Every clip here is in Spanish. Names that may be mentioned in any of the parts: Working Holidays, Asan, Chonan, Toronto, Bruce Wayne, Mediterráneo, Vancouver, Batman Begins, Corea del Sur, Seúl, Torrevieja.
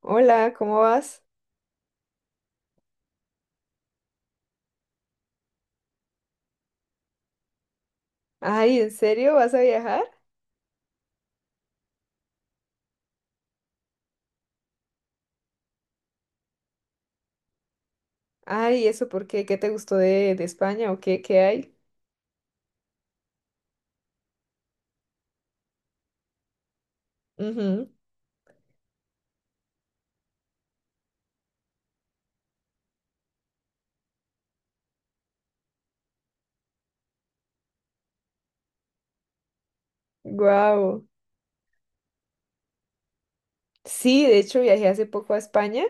Hola, ¿cómo vas? Ay, ¿en serio vas a viajar? Ay, ¿eso por qué? ¿Qué te gustó de España o qué hay? Wow. Sí, de hecho viajé hace poco a España.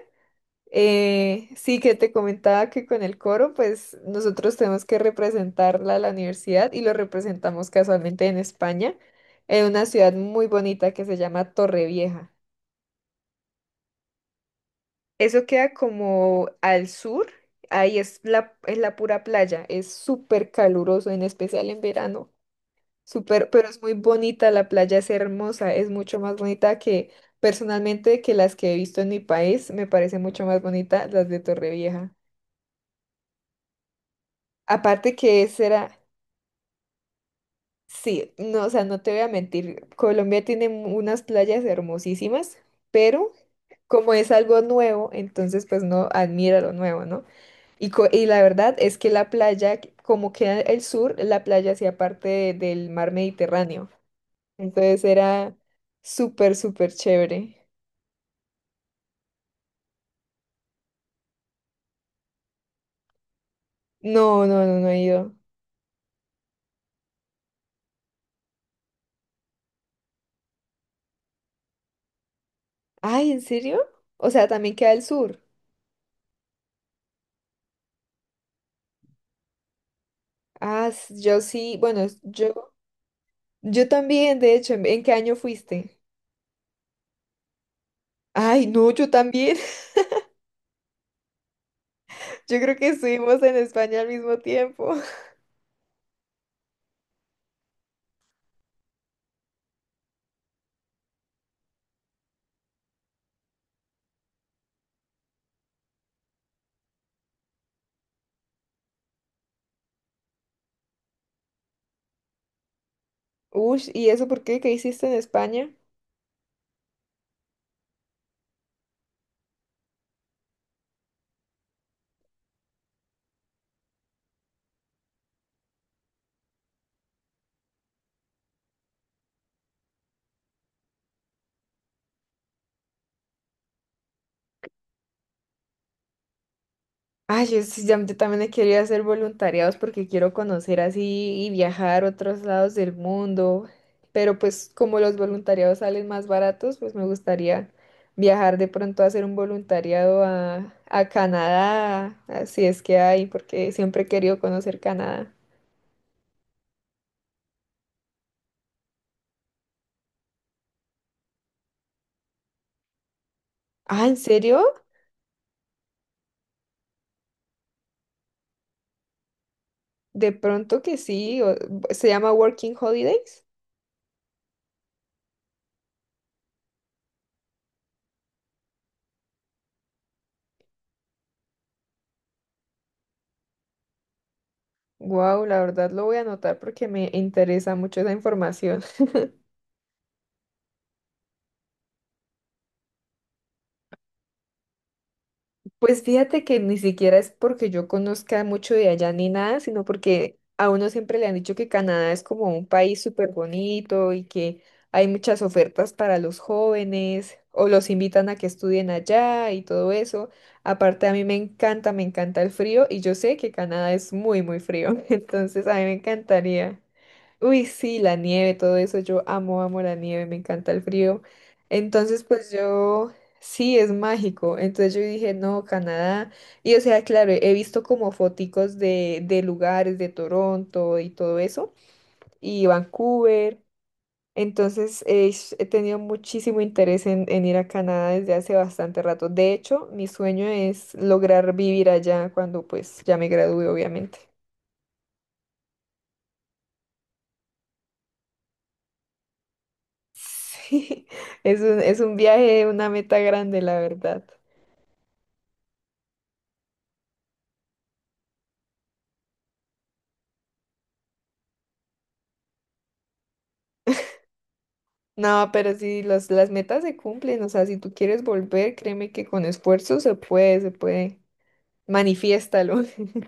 Sí, que te comentaba que con el coro, pues nosotros tenemos que representarla a la universidad y lo representamos casualmente en España, en una ciudad muy bonita que se llama Torrevieja. Eso queda como al sur, ahí es la pura playa, es súper caluroso, en especial en verano, súper, pero es muy bonita, la playa es hermosa, es mucho más bonita que personalmente que las que he visto en mi país, me parece mucho más bonita las de Torrevieja. Aparte que será, sí, no, o sea, no te voy a mentir, Colombia tiene unas playas hermosísimas, pero como es algo nuevo, entonces pues no admira lo nuevo, ¿no? Y la verdad es que la playa, como queda el sur, la playa hacía parte del mar Mediterráneo. Entonces era súper, súper chévere. No, no, no, no he ido. Ay, ¿en serio? O sea, también queda el sur. Ah, yo sí, bueno, yo también, de hecho, ¿en qué año fuiste? Ay, no, yo también. Yo creo que estuvimos en España al mismo tiempo. Uy, ¿y eso por qué? ¿Qué hiciste en España? Ay, yo, sí, yo también he querido hacer voluntariados porque quiero conocer así y viajar a otros lados del mundo, pero pues como los voluntariados salen más baratos, pues me gustaría viajar de pronto a hacer un voluntariado a Canadá, así es que hay, porque siempre he querido conocer Canadá. Ah, ¿en serio? De pronto que sí, se llama Working Holidays. Wow, la verdad lo voy a anotar porque me interesa mucho esa información. Pues fíjate que ni siquiera es porque yo conozca mucho de allá ni nada, sino porque a uno siempre le han dicho que Canadá es como un país súper bonito y que hay muchas ofertas para los jóvenes o los invitan a que estudien allá y todo eso. Aparte a mí me encanta el frío y yo sé que Canadá es muy, muy frío, entonces a mí me encantaría. Uy, sí, la nieve, todo eso, yo amo, amo la nieve, me encanta el frío. Entonces, pues yo. Sí, es mágico. Entonces yo dije, no, Canadá. Y o sea, claro, he visto como foticos de lugares de Toronto y todo eso, y Vancouver. Entonces he tenido muchísimo interés en ir a Canadá desde hace bastante rato. De hecho, mi sueño es lograr vivir allá cuando pues ya me gradúe, obviamente. Sí, es un viaje, una meta grande, la verdad. No, pero si las metas se cumplen, o sea, si tú quieres volver, créeme que con esfuerzo se puede, se puede. Manifiéstalo.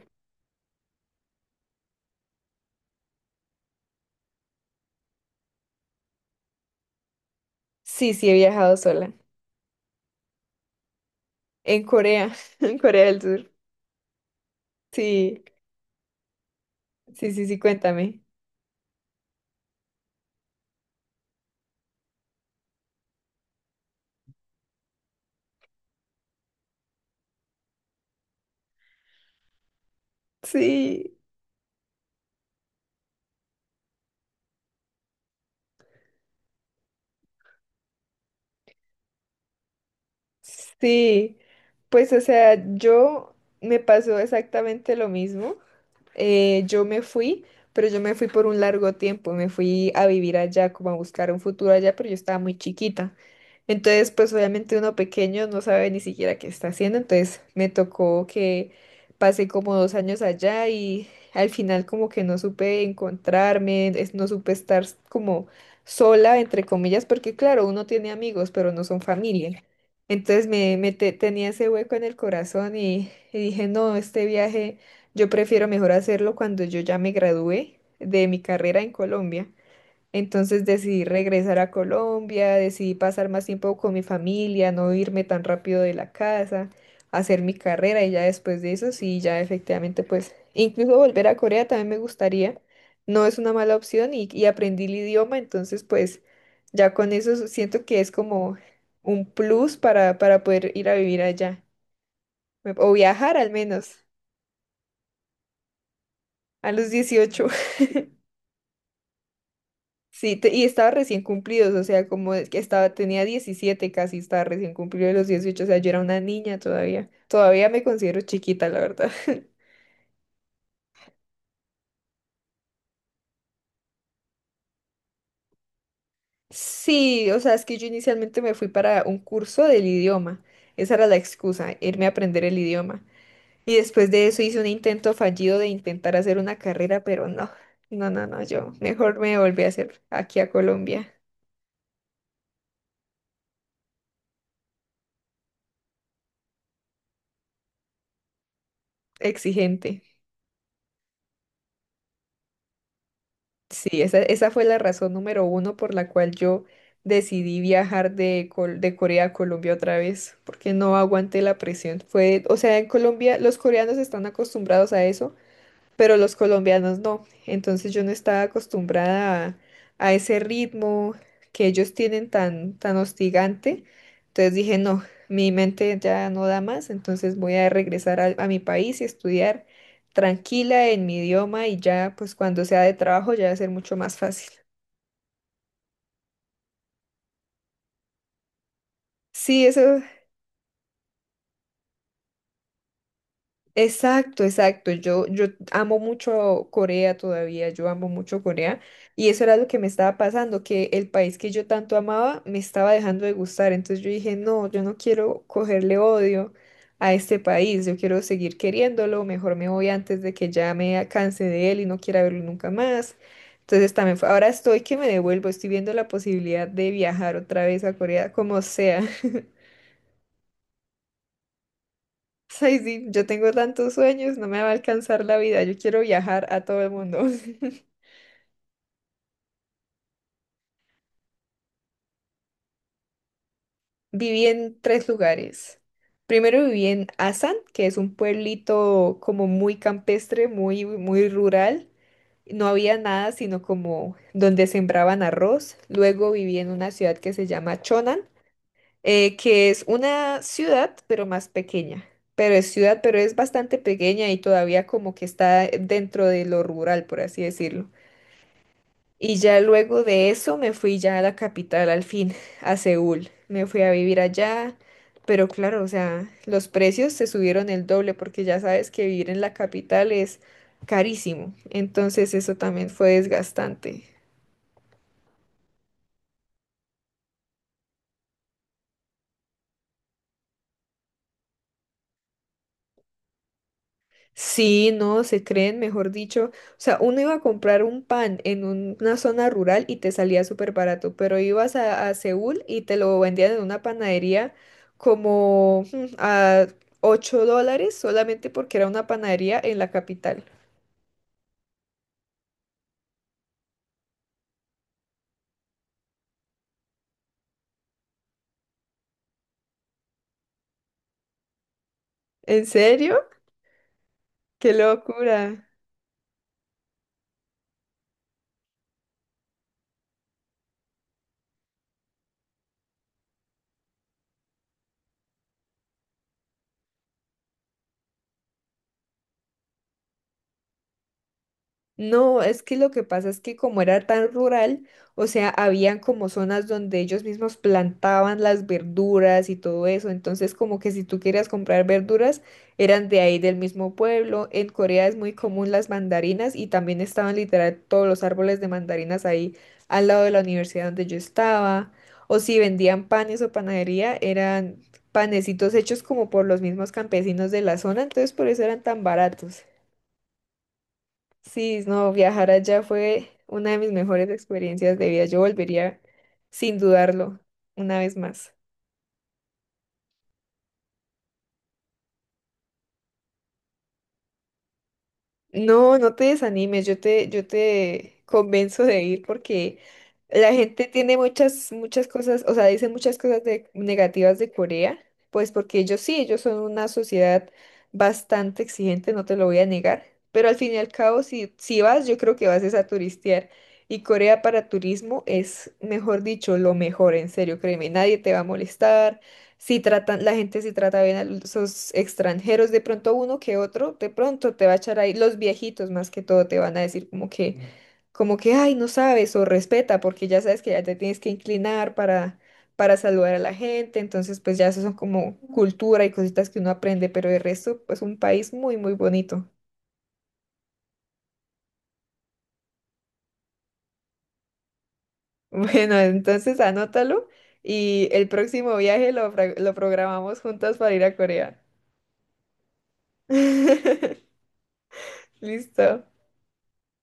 Sí, sí, he viajado sola. En Corea, en Corea del Sur. Sí, sí, sí, sí, cuéntame. Sí, sí. Pues, o sea, yo me pasó exactamente lo mismo. Yo me fui, pero yo me fui por un largo tiempo. Me fui a vivir allá, como a buscar un futuro allá, pero yo estaba muy chiquita. Entonces, pues obviamente uno pequeño no sabe ni siquiera qué está haciendo, entonces me tocó que pasé como 2 años allá y al final como que no supe encontrarme, no supe estar como sola, entre comillas, porque claro, uno tiene amigos, pero no son familia. Entonces me tenía ese hueco en el corazón y dije, no, este viaje yo prefiero mejor hacerlo cuando yo ya me gradué de mi carrera en Colombia. Entonces decidí regresar a Colombia, decidí pasar más tiempo con mi familia, no irme tan rápido de la casa, hacer mi carrera y ya después de eso sí, ya efectivamente pues incluso volver a Corea también me gustaría, no es una mala opción y aprendí el idioma, entonces pues ya con eso siento que es como un plus para poder ir a vivir allá o viajar al menos. A los 18. Sí, y estaba recién cumplidos, o sea, como es que estaba, tenía 17 casi, estaba recién cumplido de los 18, o sea, yo era una niña todavía. Todavía me considero chiquita, la verdad. Sí, o sea, es que yo inicialmente me fui para un curso del idioma. Esa era la excusa, irme a aprender el idioma. Y después de eso hice un intento fallido de intentar hacer una carrera, pero no, no, no, no, yo mejor me volví a hacer aquí a Colombia, exigente. Sí, esa fue la razón número uno por la cual yo decidí viajar de Corea a Colombia otra vez, porque no aguanté la presión. Fue, o sea, en Colombia los coreanos están acostumbrados a eso, pero los colombianos no. Entonces yo no estaba acostumbrada a ese ritmo que ellos tienen tan, tan hostigante. Entonces dije, no, mi mente ya no da más, entonces voy a regresar a mi país y estudiar tranquila en mi idioma y ya, pues cuando sea de trabajo ya va a ser mucho más fácil. Sí, eso. Exacto, exacto. Yo amo mucho Corea todavía, yo amo mucho Corea. Y eso era lo que me estaba pasando, que el país que yo tanto amaba me estaba dejando de gustar. Entonces yo dije, no, yo no quiero cogerle odio a este país, yo quiero seguir queriéndolo, mejor me voy antes de que ya me canse de él y no quiera verlo nunca más. Entonces también ahora estoy que me devuelvo, estoy viendo la posibilidad de viajar otra vez a Corea, como sea. Ay, sí, yo tengo tantos sueños, no me va a alcanzar la vida. Yo quiero viajar a todo el mundo. Viví en tres lugares. Primero viví en Asan, que es un pueblito como muy campestre, muy, muy rural. No había nada sino como donde sembraban arroz. Luego viví en una ciudad que se llama Chonan, que es una ciudad pero más pequeña. Pero es ciudad, pero es bastante pequeña y todavía como que está dentro de lo rural, por así decirlo. Y ya luego de eso me fui ya a la capital al fin, a Seúl. Me fui a vivir allá, pero claro, o sea, los precios se subieron el doble porque ya sabes que vivir en la capital es carísimo. Entonces eso también fue desgastante. Sí, no, se creen, mejor dicho. O sea, uno iba a comprar un pan en una zona rural y te salía súper barato, pero ibas a Seúl y te lo vendían en una panadería como a $8 solamente porque era una panadería en la capital. ¿En serio? ¡Qué locura! No, es que lo que pasa es que como era tan rural, o sea, habían como zonas donde ellos mismos plantaban las verduras y todo eso, entonces como que si tú querías comprar verduras, eran de ahí del mismo pueblo. En Corea es muy común las mandarinas y también estaban literal todos los árboles de mandarinas ahí al lado de la universidad donde yo estaba. O si vendían panes o panadería, eran panecitos hechos como por los mismos campesinos de la zona, entonces por eso eran tan baratos. Sí, no, viajar allá fue una de mis mejores experiencias de vida. Yo volvería sin dudarlo una vez más. No, no te desanimes, yo te, convenzo de ir porque la gente tiene muchas, muchas cosas, o sea, dice muchas cosas negativas de Corea, pues porque ellos sí, ellos son una sociedad bastante exigente, no te lo voy a negar, pero al fin y al cabo, si vas, yo creo que vas es a turistear. Y Corea para turismo es, mejor dicho, lo mejor, en serio, créeme, nadie te va a molestar. Si tratan, la gente si trata bien a los extranjeros, de pronto uno que otro, de pronto te va a echar ahí, los viejitos más que todo te van a decir como que, ay, no sabes o respeta, porque ya sabes que ya te tienes que inclinar para saludar a la gente, entonces pues ya eso son como cultura y cositas que uno aprende, pero de resto pues un país muy, muy bonito. Bueno, entonces anótalo y el próximo viaje lo programamos juntas para ir a Corea. Listo.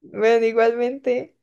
Bueno, igualmente.